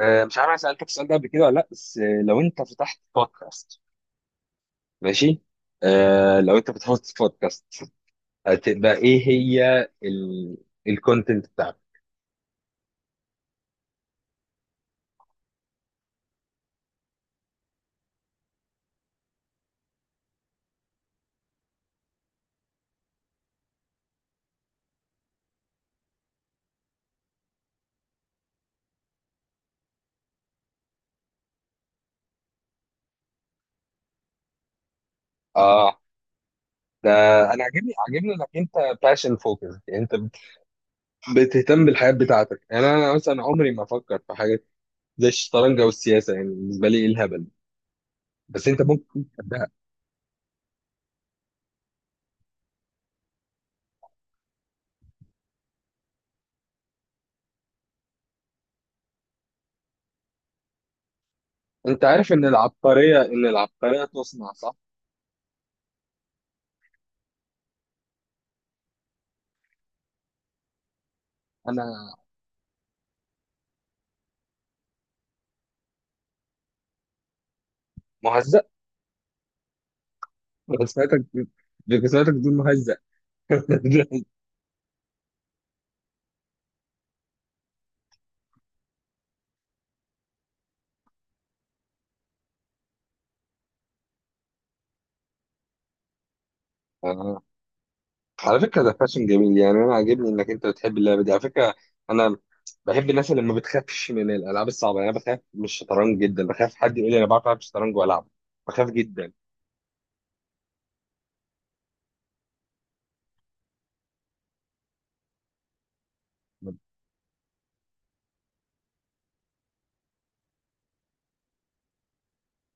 مش عارف انا سالتك السؤال ده قبل كده ولا لا. بس لو انت فتحت بودكاست، ماشي. لو انت فتحت بودكاست، هتبقى ايه هي الكونتنت بتاعك؟ اه، ده انا عاجبني انك انت باشن فوكس، يعني انت بتهتم بالحياه بتاعتك. يعني انا مثلا عمري ما افكر في حاجه زي الشطرنج او السياسه، يعني بالنسبه لي ايه الهبل؟ بس انت ممكن تحبها. انت عارف ان العبقريه تصنع، صح؟ انا مهزأ بجسمتك. بجسمتك دي مهزأ. آه. على فكرة ده فاشن جميل، يعني أنا عاجبني إنك أنت بتحب اللعبة دي على فكرة. أنا بحب الناس اللي ما بتخافش من الألعاب الصعبة، يعني أنا بخاف من الشطرنج جدا، بخاف حد يقول لي أنا بعرف ألعب شطرنج وألعب، بخاف جدا.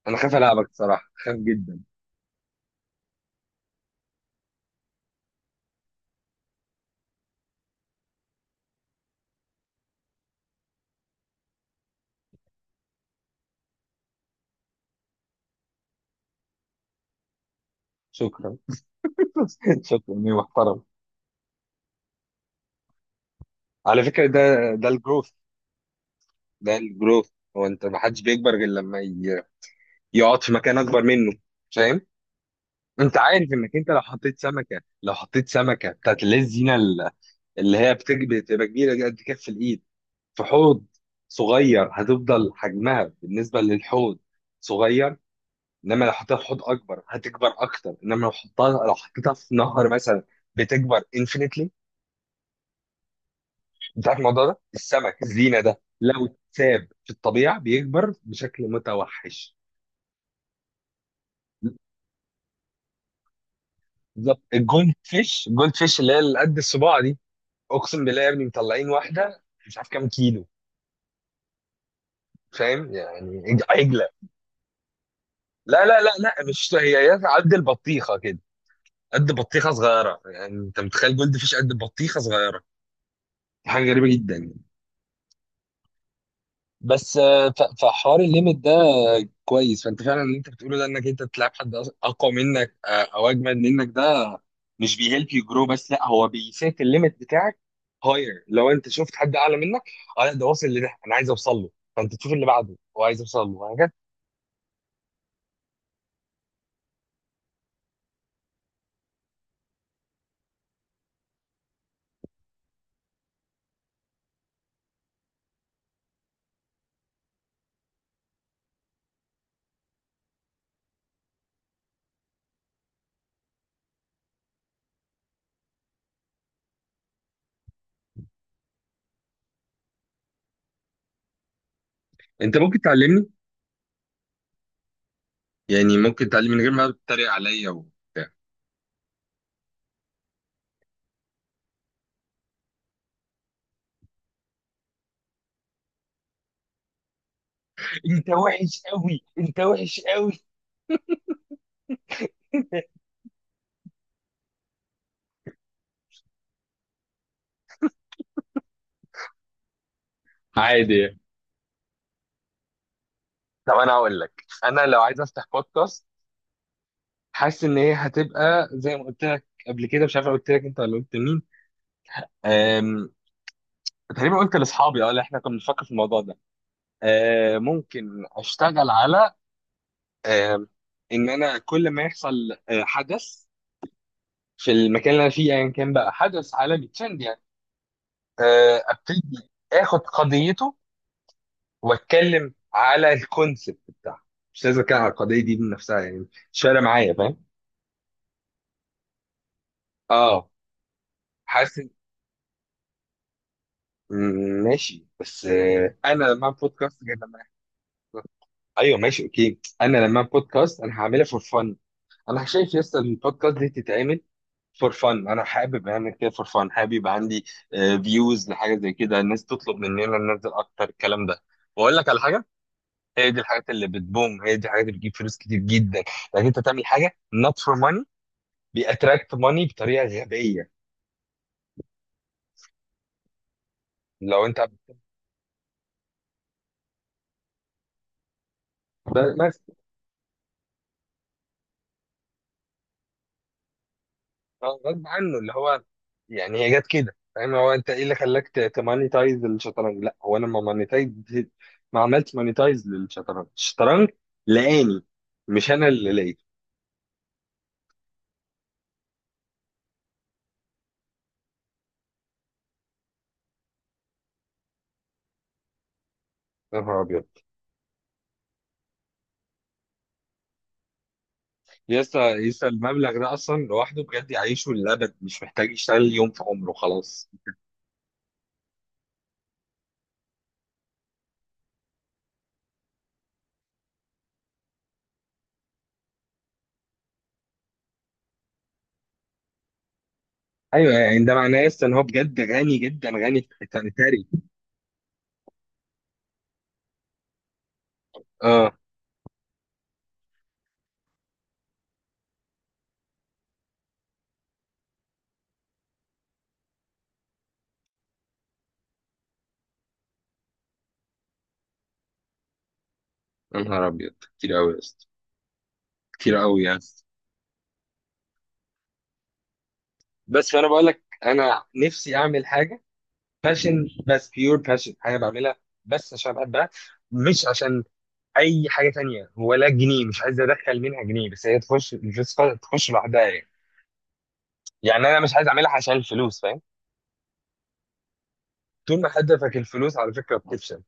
أنا خايف ألعبك صراحة، خايف جدا. شكرا. شكرا إني محترم. على فكرة ده الجروث، ده الجروث. هو أنت ما حدش بيكبر غير لما يقعد في مكان أكبر منه، فاهم؟ أنت عارف إنك أنت لو حطيت سمكة، بتاعت اللي هي الزينة، اللي هي بتبقى كبيرة قد كف الإيد، في حوض صغير، هتفضل حجمها بالنسبه للحوض صغير. انما لو حطيتها في حوض اكبر هتكبر اكتر. انما لو حطيتها، لو حطيتها في نهر مثلا بتكبر انفينيتلي. انت عارف الموضوع ده؟ السمك الزينه ده لو اتساب في الطبيعه بيكبر بشكل متوحش. بالظبط، الجولد فيش اللي هي اللي قد الصباع دي، اقسم بالله يا ابني مطلعين واحده مش عارف كام كيلو، فاهم؟ يعني عجله. لا لا لا لا، مش هي، هي قد البطيخه كده، قد بطيخه صغيره. يعني انت متخيل جولد فيش قد بطيخه صغيره؟ دي حاجه غريبه جدا يعني. بس فحوار الليميت ده كويس. فانت فعلا اللي انت بتقوله ده، انك انت تلعب حد اقوى منك او اجمد منك، ده مش بيهلب يو جرو، بس لا هو بيسيت الليميت بتاعك هاير. لو انت شفت حد اعلى منك، اه لا، ده واصل لده انا عايز اوصل له، فانت تشوف اللي بعده هو عايز يوصل له، وهكذا. انت ممكن تعلمني؟ يعني ممكن تعلمني من غير ما تتريق عليا وبتاع؟ انت وحش قوي، انت وحش قوي. عادي. طب انا هقول لك، انا لو عايز افتح بودكاست، حاسس ان هي هتبقى زي ما قلت لك قبل كده، مش عارف قلت لك انت ولا قلت مين. أم... تقريبا قلت لاصحابي، اه، اللي احنا كنا بنفكر في الموضوع ده. أه، ممكن اشتغل على أم... ان انا كل ما يحصل أه، حدث في المكان اللي انا فيه، ايا كان، بقى حدث عالمي ترند يعني. أه، ابتدي اخد قضيته واتكلم على الكونسبت بتاعه. مش لازم اتكلم على القضيه دي بنفسها يعني، مش فارقه معايا، فاهم؟ اه. حاسس. ماشي. بس انا لما اعمل بودكاست غير لما أعمل بودكاست. ايوه ماشي، اوكي. انا لما اعمل بودكاست انا هعملها فور فن. انا شايف يس، البودكاست دي تتعمل فور فن. انا حابب اعمل كده فور فن. حابب يبقى عندي فيوز لحاجه زي كده، الناس تطلب مننا ننزل اكتر الكلام ده. واقول لك على حاجه، هي دي الحاجات اللي بتبوم، هي دي الحاجات اللي بتجيب فلوس كتير جدا. لكن انت تعمل حاجه not for money، بيأتراكت money بطريقه غبيه. لو انت، بس اه غصب عنه اللي هو، يعني هي جت كده، فاهم؟ هو انت ايه اللي خلاك تمانيتايز الشطرنج؟ لا هو، انا ما مانيتايز، ما عملت مانيتايز للشطرنج، الشطرنج لقاني، مش انا اللي لقيته. يا نهار ابيض، يسا يسا المبلغ ده اصلا لوحده بجد يعيشه للابد، مش محتاج يشتغل يوم في عمره خلاص. ايوه يعني ده معناه يسا ان هو بجد غني، جدا غني، ثري. اه. يا نهار ابيض كتير قوي يسا، كتير قوي يسا. بس فانا بقول لك انا نفسي اعمل حاجه باشن، بس بيور باشن، حاجه بعملها بس عشان بحبها، مش عشان اي حاجه تانية ولا جنيه. مش عايز ادخل منها جنيه، بس هي تخش الفلوس تخش لوحدها يعني. يعني انا مش عايز اعملها عشان الفلوس، فاهم؟ طول ما هدفك الفلوس على فكره بتفشل.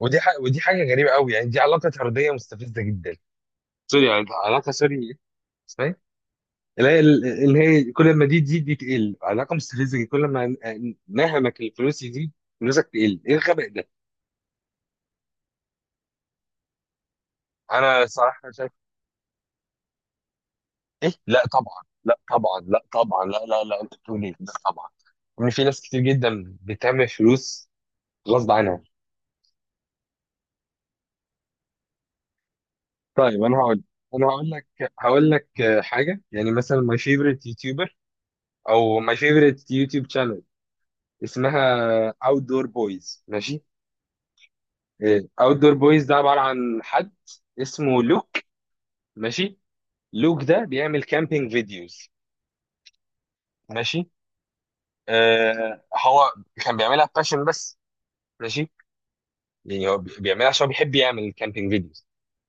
ودي حاجة، ودي حاجه غريبه قوي يعني، دي علاقه طرديه مستفزه جدا. سوري يعني، علاقه سوري، اسمها ايه، اللي هي، اللي هي كل ما دي تزيد دي تقل، علاقه مستفزه جدا. كل ما نهمك الفلوس يزيد، فلوسك تقل. ايه الغباء ده؟ انا صراحه ايه، لا طبعا، لا طبعا، لا طبعا، لا لا لا، انت بتقول ايه؟ لا طبعا. ان في ناس كتير جدا بتعمل فلوس غصب عنها. طيب انا هقول، انا هقول لك حاجه. يعني مثلا ماي فيفرت يوتيوبر، او ماي فيفرت يوتيوب شانل، اسمها اوت دور بويز، ماشي؟ اوت دور بويز ده عباره عن حد اسمه لوك، ماشي؟ لوك ده بيعمل كامبينج فيديوز، ماشي؟ آه، هو كان بيعملها باشن بس، ماشي؟ يعني هو بيعملها عشان هو بيحب يعمل كامبينج فيديوز.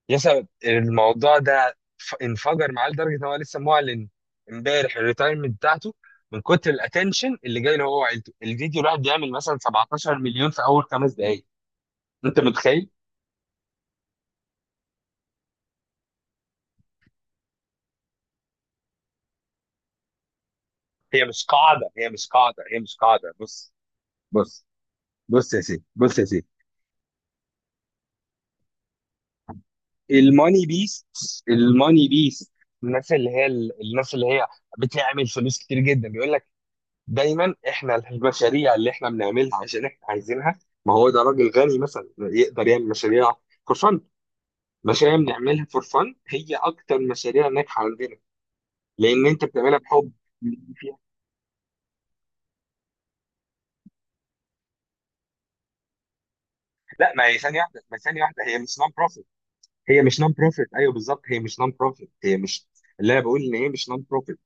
يسا الموضوع ده انفجر معاه لدرجه ان هو لسه معلن امبارح الريتايرمنت بتاعته، من كتر الاتنشن اللي جاي له هو وعيلته. الفيديو الواحد بيعمل مثلا 17 مليون في اول 5 دقائق، انت متخيل؟ هي مش قاعده، هي مش قاعده، هي مش قاعده. بص، بص، بص يا سيدي، بص يا سيدي. الماني بيست، الماني بيست. الناس اللي هي، الناس اللي هي بتعمل فلوس كتير جدا بيقول، دايما احنا المشاريع اللي احنا بنعملها عشان احنا عايزينها، ما هو ده راجل غني مثلا يقدر يعمل مشاريع فور فن. مشاريع بنعملها فور فن هي اكتر مشاريع ناجحه عندنا، لان انت بتعملها بحب فيها. لا، ما هي ثانيه واحده، ما هي ثانيه واحده، هي مش نون بروفيت. هي مش نون بروفيت، ايوه بالظبط، هي مش نون بروفيت. هي مش، اللي انا بقول ان هي مش نون بروفيت.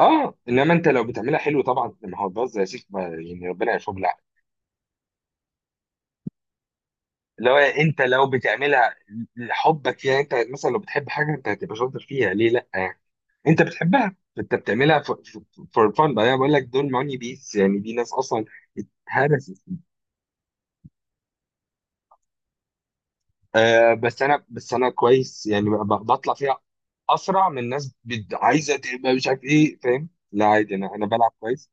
اه. انما انت لو بتعملها حلو طبعا، ما هو باظ يا شيخ يعني، ربنا يشوف. اللي هو انت لو بتعملها لحبك، يعني انت مثلا لو بتحب حاجه انت هتبقى شاطر فيها، ليه لا يعني؟ انت بتحبها، انت بتعملها فور فان بقى. انا بقول لك دول ماني بيس، يعني دي ناس اصلا اتهرست. آه بس انا، بس انا كويس يعني بطلع فيها اسرع من ناس عايزه تبقى مش عارف ايه، فاهم؟ لا عادي، انا بلعب كويس.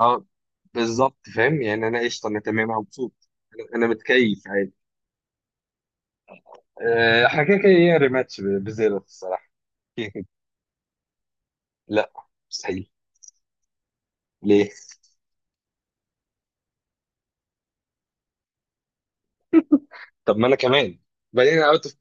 اه بالظبط، فاهم يعني انا قشطه، انا تمام، انا مبسوط. انا متكيف عادي. احنا كده كده ايه، ريماتش بزيرو الصراحه. لا، مستحيل. ليه؟ طب ما انا كمان، بعدين اوت اوف.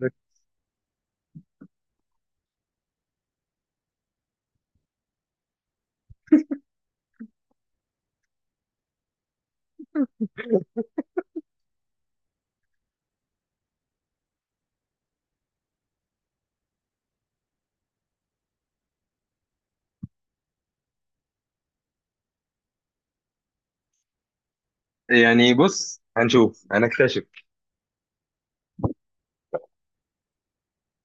يعني بص، هنشوف، هنكتشف.